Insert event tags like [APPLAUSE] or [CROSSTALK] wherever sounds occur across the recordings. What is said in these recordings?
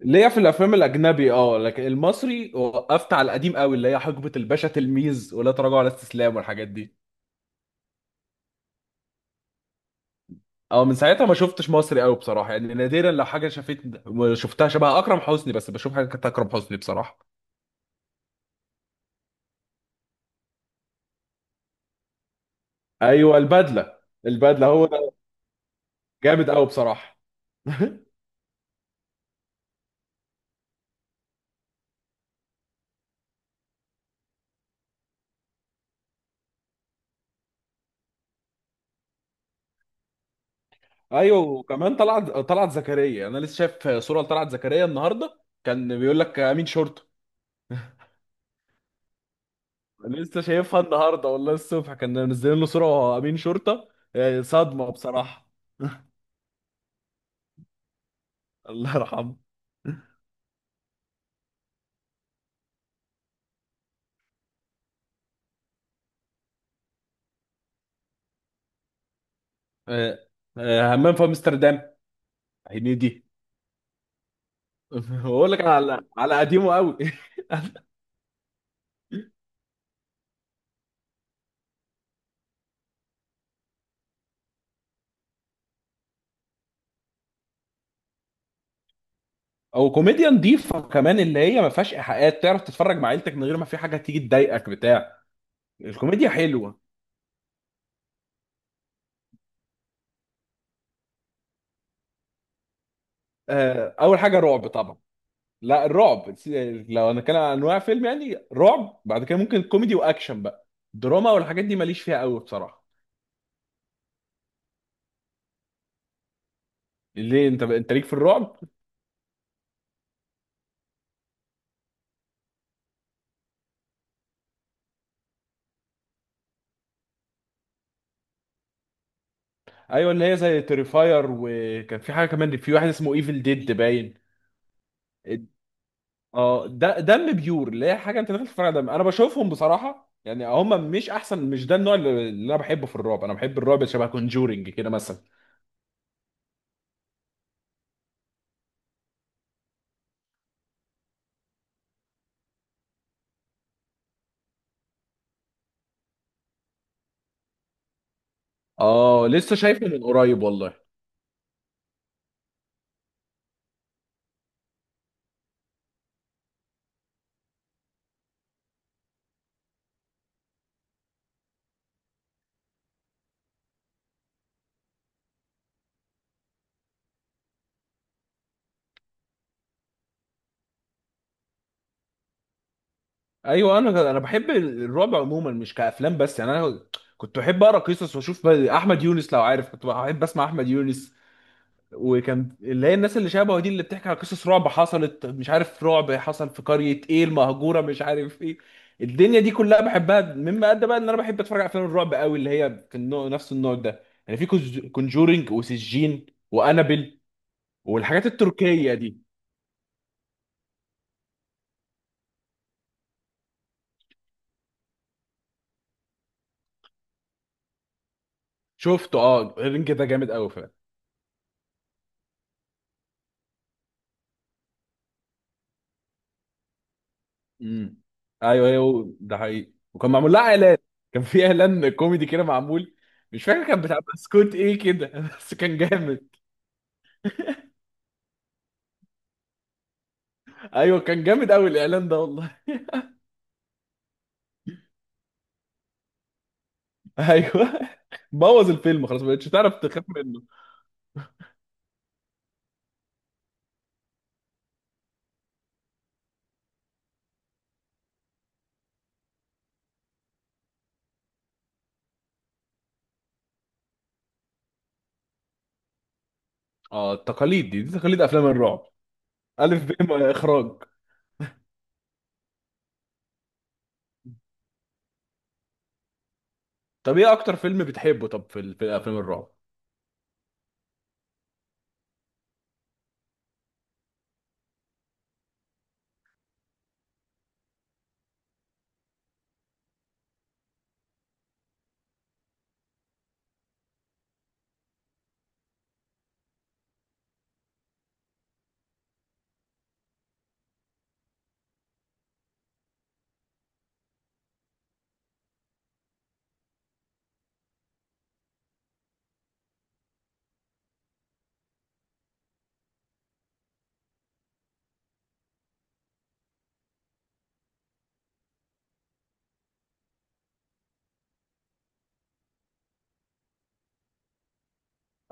ليا في الافلام الاجنبي اه، لكن المصري وقفت على القديم قوي اللي هي حقبه الباشا تلميذ ولا تراجع ولا استسلام والحاجات دي. اه من ساعتها ما شفتش مصري قوي بصراحه، يعني نادرا لو حاجه شفت. شفتها شبه اكرم حسني، بس بشوف حاجه كانت اكرم حسني بصراحه. ايوه البدله. البدله هو ده. جامد قوي بصراحه. [LAUGHS] ايوه، وكمان طلعت زكريا. انا لسه شايف صوره لطلعت زكريا النهارده كان بيقول لك امين شرطه. لسه شايفها النهارده والله الصبح كان منزلين له صوره وهو امين شرطه. صدمه بصراحه. الله يرحمه. آه، همام في امستردام. هنيدي. [LAUGHS] بقول لك على قديمه قوي. او كوميديا نظيفه كمان، اللي هي ما فيهاش ايحاءات، تعرف تتفرج مع عيلتك من غير ما في حاجه تيجي تضايقك بتاع. الكوميديا حلوه. اول حاجه رعب طبعا. لا الرعب لو انا كان عن انواع فيلم يعني رعب، بعد كده ممكن كوميدي واكشن بقى. دراما والحاجات دي ماليش فيها قوي بصراحه. ليه؟ انت ليك في الرعب؟ ايوه اللي هي زي تريفاير، وكان في حاجه كمان، في واحد اسمه ايفل ديد باين. اه، ده دم بيور، اللي هي حاجه انت داخل تتفرج على دم. انا بشوفهم بصراحه يعني هم مش احسن. مش ده النوع اللي انا بحبه في الرعب. انا بحب الرعب شبه كونجورنج كده مثلا. اه لسه شايفه من قريب والله. ايوه، انا بحب الرعب عموما مش كافلام بس، يعني انا كنت بحب اقرا قصص واشوف احمد يونس لو عارف. كنت بحب اسمع احمد يونس، وكان اللي هي الناس اللي شبهه دي اللي بتحكي على قصص رعب حصلت، مش عارف رعب حصل في قرية ايه المهجورة، مش عارف ايه. الدنيا دي كلها بحبها، مما ادى بقى ان انا بحب اتفرج على افلام الرعب قوي، اللي هي كان نفس النوع ده يعني، في كونجورينج وسجين وانابل والحاجات التركية دي. شفته، اه الرينج ده جامد قوي فعلا. امم. ايوه ايوه ده حقيقي، وكان معمول لها اعلان. كان في اعلان كوميدي كده معمول، مش فاكر كان بتاع بسكوت ايه كده [LAUGHS] بس كان جامد. ايوه كان جامد قوي الاعلان ده والله. [LAUGHS] ايوه. بوظ الفيلم خلاص، ما بقتش تعرف تخاف منه. اه التقاليد دي، دي تقاليد افلام الرعب. الف ب اخراج. طب ايه اكتر فيلم بتحبه؟ طب في افلام الرعب؟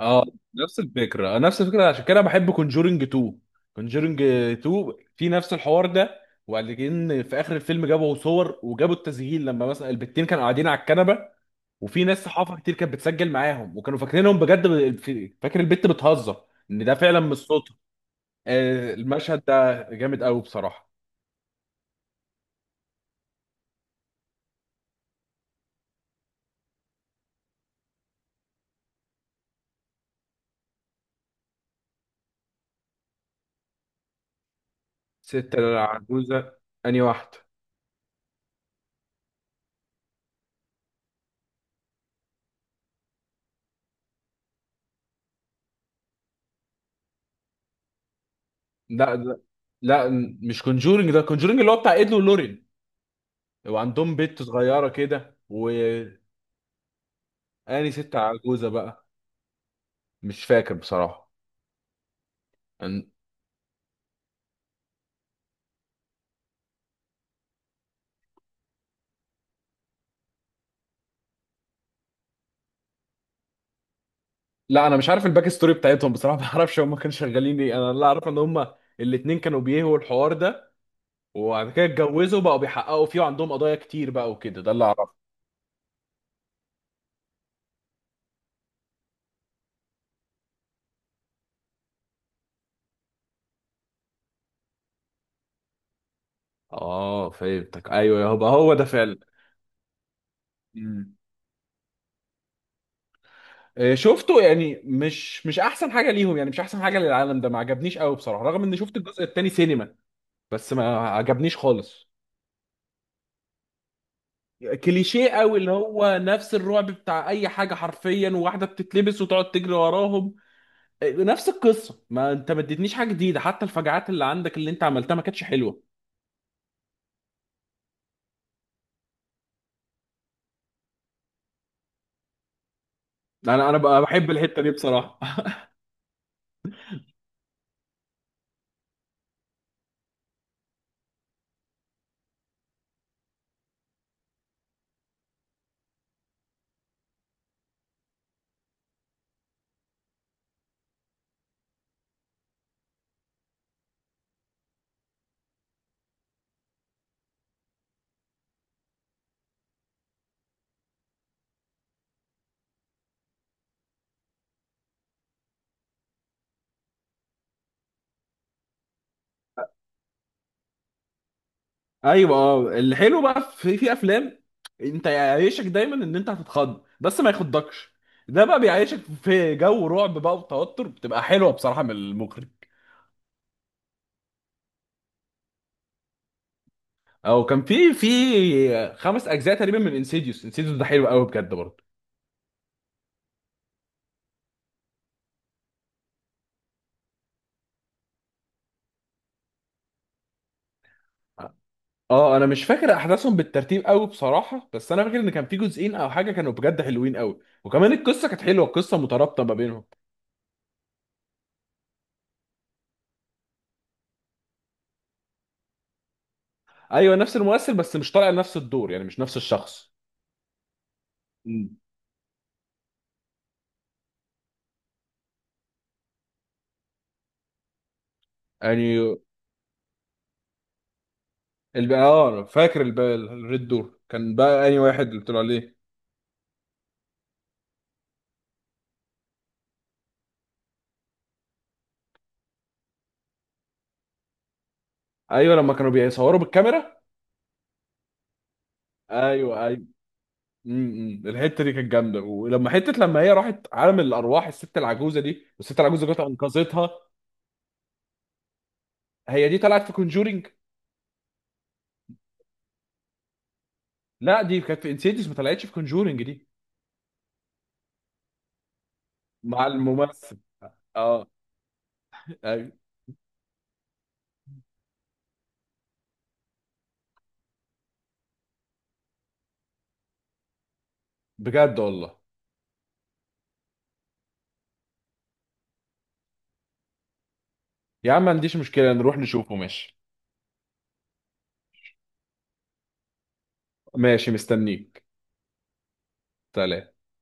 اه، نفس الفكره، نفس الفكره. عشان كده بحب كونجورنج 2. كونجورنج 2 في نفس الحوار ده، وبعدين في اخر الفيلم جابوا صور وجابوا التسجيل لما مثلا البتين كانوا قاعدين على الكنبه، وفي ناس صحافه كتير كانت بتسجل معاهم وكانوا فاكرينهم بجد، فاكر البت بتهزر ان ده فعلا مش صوت. المشهد ده جامد قوي بصراحة. ست العجوزة؟ أنهي واحدة؟ لا ده، لا، مش كونجورنج، ده كونجورنج اللي هو بتاع إيد ولورين، وعندهم بنت صغيرة كده وأني. ست عجوزة بقى، مش فاكر بصراحة. أن- لا، أنا مش عارف الباك ستوري بتاعتهم بصراحة. [LAUGHS] ما أعرفش هما كانوا شغالين إيه. أنا اللي أعرف إن هما الاتنين كانوا بيهوا الحوار ده، وبعد كده اتجوزوا، بقوا بيحققوا فيه وعندهم قضايا كتير بقى وكده، ده اللي أعرفه. آه فهمتك، أيوه يبقى هو ده فعلا. مم. شفته يعني، مش احسن حاجه ليهم، يعني مش احسن حاجه للعالم ده. ما عجبنيش قوي بصراحه، رغم اني شفت الجزء الثاني سينما، بس ما عجبنيش خالص. كليشيه قوي، اللي هو نفس الرعب بتاع اي حاجه حرفيا، وواحده بتتلبس وتقعد تجري وراهم. نفس القصه، ما انت ما اديتنيش حاجه جديده، حتى الفجعات اللي عندك اللي انت عملتها ما كانتش حلوه. انا بقى بحب الحته دي بصراحه. ايوه، اه، الحلو بقى في في افلام، انت يعيشك دايما ان انت هتتخض بس ما يخضكش. ده بقى بيعيشك في جو رعب بقى وتوتر، بتبقى حلوه بصراحه من المخرج. او كان في 5 اجزاء تقريبا من انسيديوس. انسيديوس ده حلو قوي بجد برضه. اه انا مش فاكر احداثهم بالترتيب قوي بصراحه، بس انا فاكر ان كان في جزئين او حاجه كانوا بجد حلوين قوي، وكمان القصه كانت حلوه، القصه مترابطه ما بينهم. ايوه نفس الممثل، بس مش طالع نفس الدور، يعني مش نفس الشخص. مم. يعني الب... اه فاكر الب... الريد دور كان بقى انهي واحد اللي طلع عليه؟ ايوه لما كانوا بيصوروا بالكاميرا. ايوه ايوه. الحته دي كانت جامده، ولما حته لما هي راحت عالم الارواح الست العجوزه دي، والست العجوزه جت انقذتها. هي دي طلعت في كونجورينج؟ لا دي كانت في انسيديوس، ما طلعتش في كونجورينج دي. مع الممثل. اه. أيوة. بجد والله؟ يا عم ما عنديش مشكله، نروح نشوفه ماشي. ماشي مستنيك. سلام.